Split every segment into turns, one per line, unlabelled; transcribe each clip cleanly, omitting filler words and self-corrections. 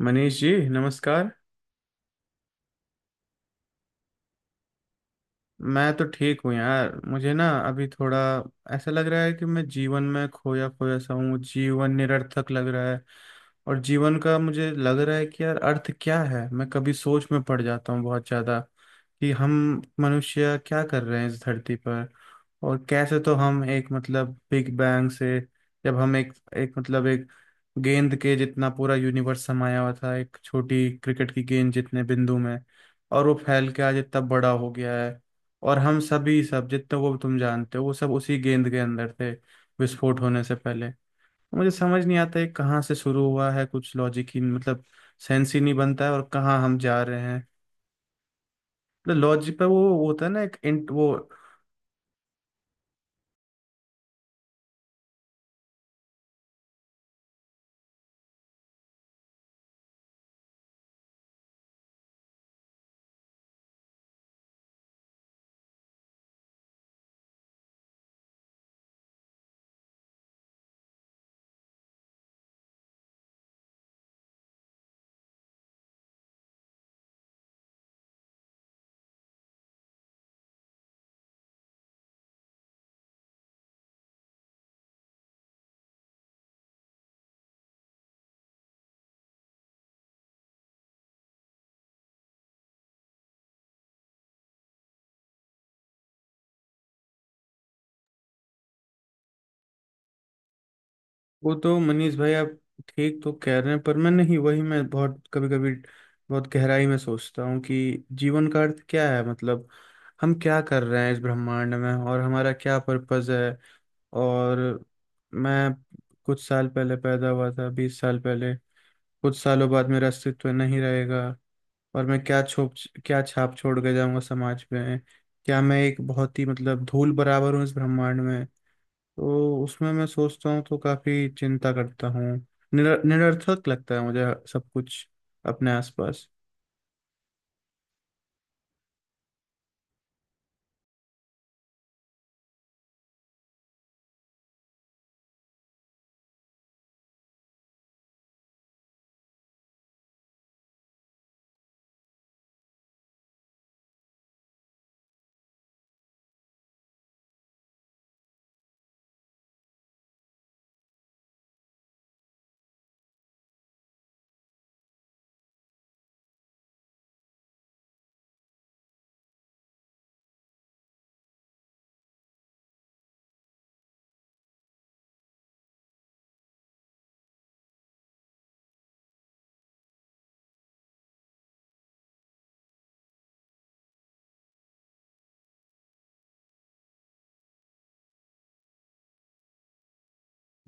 मनीष जी, नमस्कार। मैं तो ठीक हूँ यार। मुझे ना अभी थोड़ा ऐसा लग रहा है कि मैं जीवन में खोया खोया सा हूँ। जीवन निरर्थक लग रहा है। और जीवन का मुझे लग रहा है कि यार, अर्थ क्या है। मैं कभी सोच में पड़ जाता हूँ बहुत ज्यादा कि हम मनुष्य क्या कर रहे हैं इस धरती पर। और कैसे तो हम एक मतलब बिग बैंग से, जब हम एक एक मतलब एक गेंद के जितना पूरा यूनिवर्स समाया हुआ था, एक छोटी क्रिकेट की गेंद जितने बिंदु में। और वो फैल के आज इतना बड़ा हो गया है। और हम सभी सब जितने वो तुम जानते हो, वो सब उसी गेंद के अंदर थे विस्फोट होने से पहले। मुझे समझ नहीं आता है कहाँ से शुरू हुआ है। कुछ लॉजिक ही मतलब सेंस ही नहीं बनता है। और कहाँ हम जा रहे हैं। मतलब लॉजिक पर वो होता है ना एक वो। वो तो मनीष भाई, आप ठीक तो कह रहे हैं, पर मैं नहीं। वही मैं बहुत कभी कभी बहुत गहराई में सोचता हूँ कि जीवन का अर्थ क्या है। मतलब हम क्या कर रहे हैं इस ब्रह्मांड में और हमारा क्या पर्पज है। और मैं कुछ साल पहले पैदा हुआ था, 20 साल पहले। कुछ सालों बाद मेरा अस्तित्व नहीं रहेगा। और मैं क्या छाप छोड़ के जाऊंगा समाज में। क्या मैं एक बहुत ही मतलब धूल बराबर हूँ इस ब्रह्मांड में। तो उसमें मैं सोचता हूँ तो काफी चिंता करता हूँ। निरर्थक लगता है मुझे सब कुछ अपने आसपास।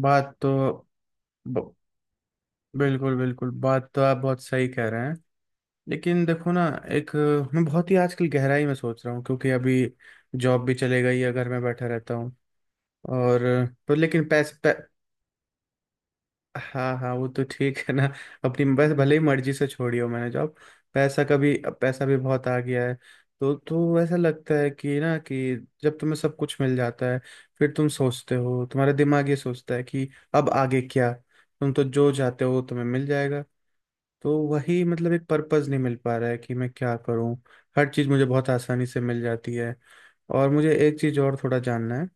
बात तो ब- बिल्कुल बिल्कुल, बात तो आप बहुत सही कह रहे हैं। लेकिन देखो ना, एक मैं बहुत ही आजकल गहराई में सोच रहा हूँ, क्योंकि अभी जॉब भी चले गई है, घर में बैठा रहता हूँ। और पर लेकिन पैसे हाँ हाँ, वो तो ठीक है ना। अपनी बस भले ही मर्जी से छोड़ी हो मैंने जॉब। पैसा कभी, अब पैसा भी बहुत आ गया है। तो ऐसा लगता है कि ना कि जब तुम्हें सब कुछ मिल जाता है, फिर तुम सोचते हो, तुम्हारा दिमाग ये सोचता है कि अब आगे क्या। तुम तो जो चाहते हो वो तुम्हें मिल जाएगा। तो वही मतलब एक पर्पस नहीं मिल पा रहा है कि मैं क्या करूं। हर चीज़ मुझे बहुत आसानी से मिल जाती है। और मुझे एक चीज़ और थोड़ा जानना है।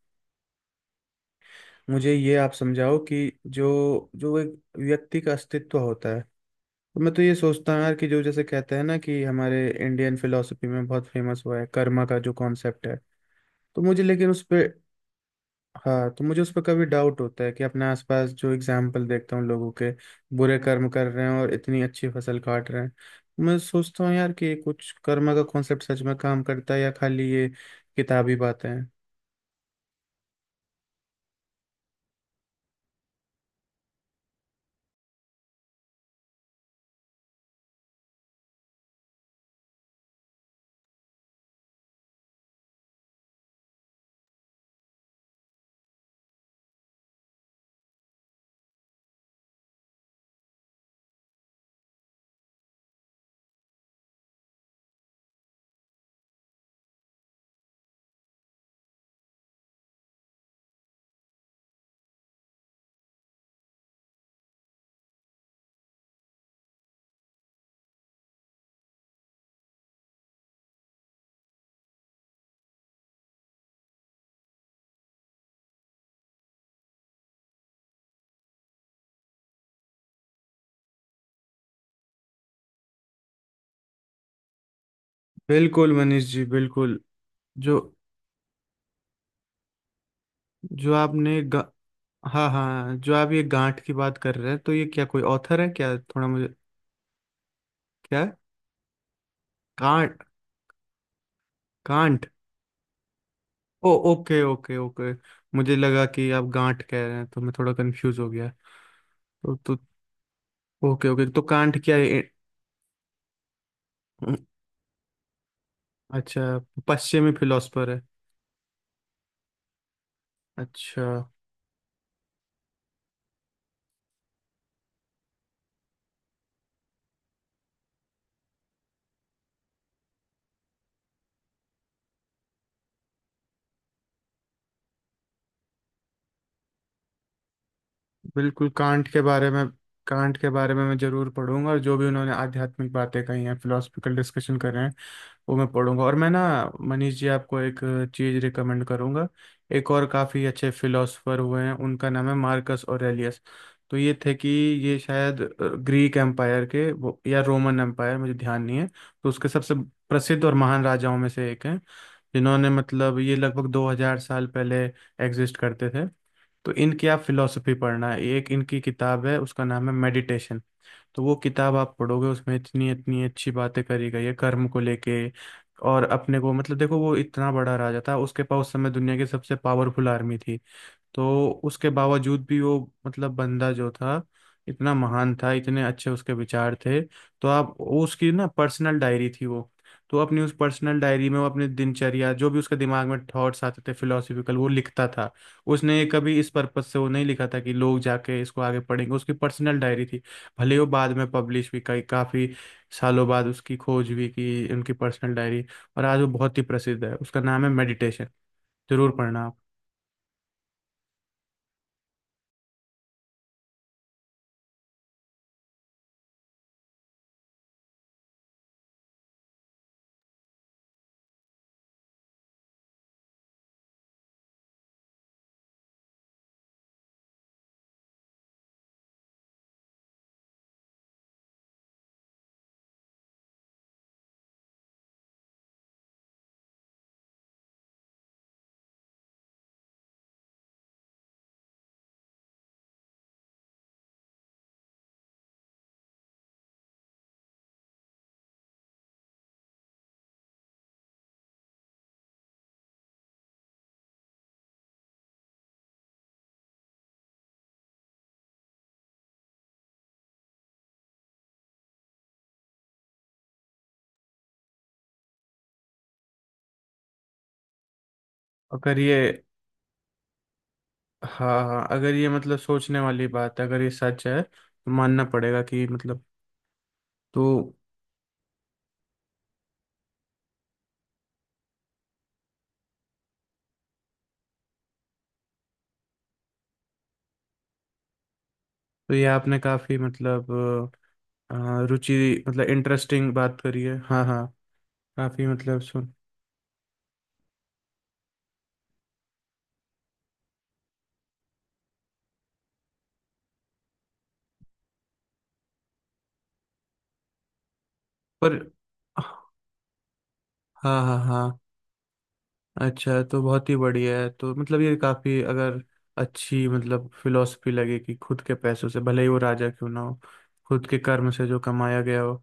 मुझे ये आप समझाओ कि जो जो एक व्यक्ति का अस्तित्व होता है। तो मैं तो ये सोचता हूँ यार कि जो जैसे कहते हैं ना कि हमारे इंडियन फिलोसफी में बहुत फेमस हुआ है कर्मा का जो कॉन्सेप्ट है, तो मुझे लेकिन उस पर, हाँ, तो मुझे उस पर कभी डाउट होता है कि अपने आसपास जो एग्जाम्पल देखता हूँ लोगों के, बुरे कर्म कर रहे हैं और इतनी अच्छी फसल काट रहे हैं। मैं सोचता हूँ यार कि कुछ कर्म का कॉन्सेप्ट सच में काम करता है या खाली ये किताबी बातें हैं। बिल्कुल मनीष जी, बिल्कुल। जो जो आपने गा... हाँ हाँ, जो आप ये गांठ की बात कर रहे हैं, तो ये क्या कोई ऑथर है क्या? थोड़ा मुझे। क्या है? Kant. Kant. Oh okay, okay, okay. मुझे लगा कि आप गांठ कह रहे हैं, तो मैं थोड़ा कंफ्यूज हो गया। तो, ओके, ओके, तो कांट क्या है? अच्छा, पश्चिमी फिलोसफर है। अच्छा। बिल्कुल, कांट के बारे में, कांट के बारे में मैं जरूर पढ़ूंगा। और जो भी उन्होंने आध्यात्मिक बातें कही हैं, फिलोसफिकल डिस्कशन कर रहे हैं, वो मैं पढ़ूंगा। और मैं ना, मनीष जी, आपको एक चीज रिकमेंड करूंगा। एक और काफी अच्छे फिलोसोफर हुए हैं, उनका नाम है मार्कस ऑरेलियस। तो ये थे कि ये शायद ग्रीक एम्पायर के वो या रोमन एम्पायर, मुझे ध्यान नहीं है। तो उसके सबसे प्रसिद्ध और महान राजाओं में से एक हैं, जिन्होंने मतलब ये लगभग 2000 साल पहले एग्जिस्ट करते थे। तो इनकी आप फिलोसफी पढ़ना। एक इनकी किताब है, उसका नाम है मेडिटेशन। तो वो किताब आप पढ़ोगे, उसमें इतनी इतनी अच्छी बातें करी गई है कर्म को लेके। और अपने को मतलब देखो, वो इतना बड़ा राजा था, उसके पास उस समय दुनिया की सबसे पावरफुल आर्मी थी। तो उसके बावजूद भी वो मतलब, बंदा जो था, इतना महान था, इतने अच्छे उसके विचार थे। तो आप वो, उसकी ना पर्सनल डायरी थी वो। तो अपनी उस पर्सनल डायरी में वो अपनी दिनचर्या, जो भी उसके दिमाग में थॉट्स आते थे फिलोसफिकल, वो लिखता था। उसने कभी इस पर्पज से वो नहीं लिखा था कि लोग जाके इसको आगे पढ़ेंगे। उसकी पर्सनल डायरी थी। भले वो बाद में पब्लिश भी, कई काफ़ी सालों बाद उसकी खोज भी की, उनकी पर्सनल डायरी। और आज वो बहुत ही प्रसिद्ध है, उसका नाम है मेडिटेशन। जरूर पढ़ना आप। अगर ये, हाँ हाँ, अगर ये मतलब सोचने वाली बात है, अगर ये सच है तो मानना पड़ेगा कि मतलब, तो तो ये आपने काफी मतलब रुचि मतलब इंटरेस्टिंग बात करी है। हाँ हाँ, काफी मतलब सुन, पर, हाँ हाँ हाँ, अच्छा, तो बहुत ही बढ़िया है। तो मतलब ये काफी अगर अच्छी मतलब फिलॉसफी लगे कि खुद के पैसों से भले ही वो राजा क्यों ना हो, खुद के कर्म से जो कमाया गया हो।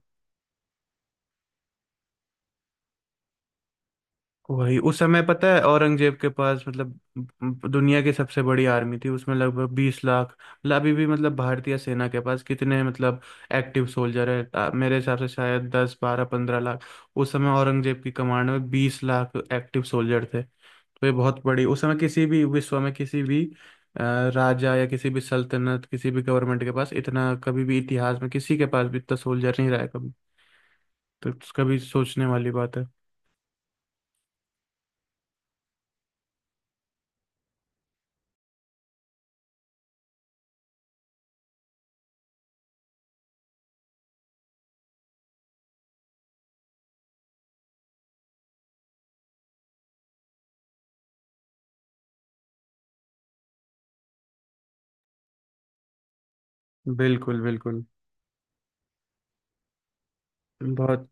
वही उस समय पता है औरंगजेब के पास मतलब दुनिया की सबसे बड़ी आर्मी थी, उसमें लगभग 20 लाख मतलब। अभी भी मतलब भारतीय सेना के पास कितने मतलब एक्टिव सोल्जर है, मेरे हिसाब से शायद 10 12 15 लाख। उस समय औरंगजेब की कमांड में 20 लाख एक्टिव सोल्जर थे। तो ये बहुत बड़ी उस समय किसी भी विश्व में किसी भी अ, राजा या किसी भी सल्तनत, किसी भी गवर्नमेंट के पास इतना, कभी भी इतिहास में किसी के पास भी इतना सोल्जर नहीं रहा है कभी। तो कभी सोचने वाली बात है। बिल्कुल बिल्कुल। बहुत।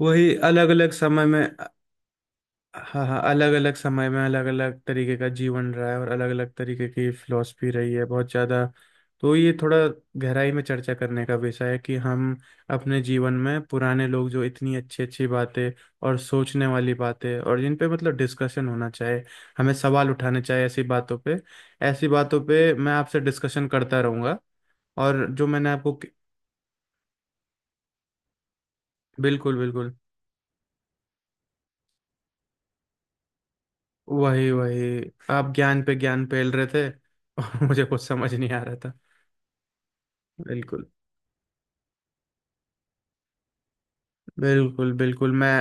वही अलग अलग समय में, हाँ हाँ, अलग अलग समय में अलग अलग तरीके का जीवन रहा है और अलग अलग तरीके की फिलॉसफी रही है बहुत ज़्यादा। तो ये थोड़ा गहराई में चर्चा करने का विषय है कि हम अपने जीवन में पुराने लोग जो इतनी अच्छी अच्छी बातें और सोचने वाली बातें और जिन पे मतलब डिस्कशन होना चाहिए, हमें सवाल उठाने चाहिए ऐसी बातों पे। ऐसी बातों पे मैं आपसे डिस्कशन करता रहूंगा। और जो मैंने आपको, बिल्कुल बिल्कुल, वही वही, आप ज्ञान पे ज्ञान पेल रहे थे और मुझे कुछ समझ नहीं आ रहा था। बिल्कुल बिल्कुल बिल्कुल, मैं,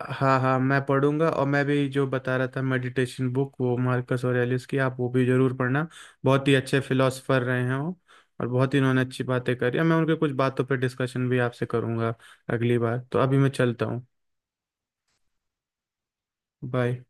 हाँ हाँ, मैं पढ़ूंगा। और मैं भी जो बता रहा था मेडिटेशन बुक वो मार्कस ऑरेलियस की, आप वो भी जरूर पढ़ना। बहुत ही अच्छे फिलोसफर रहे हैं वो। और बहुत ही उन्होंने अच्छी बातें करी। और मैं उनके कुछ बातों पर डिस्कशन भी आपसे करूंगा अगली बार। तो अभी मैं चलता हूँ। बाय।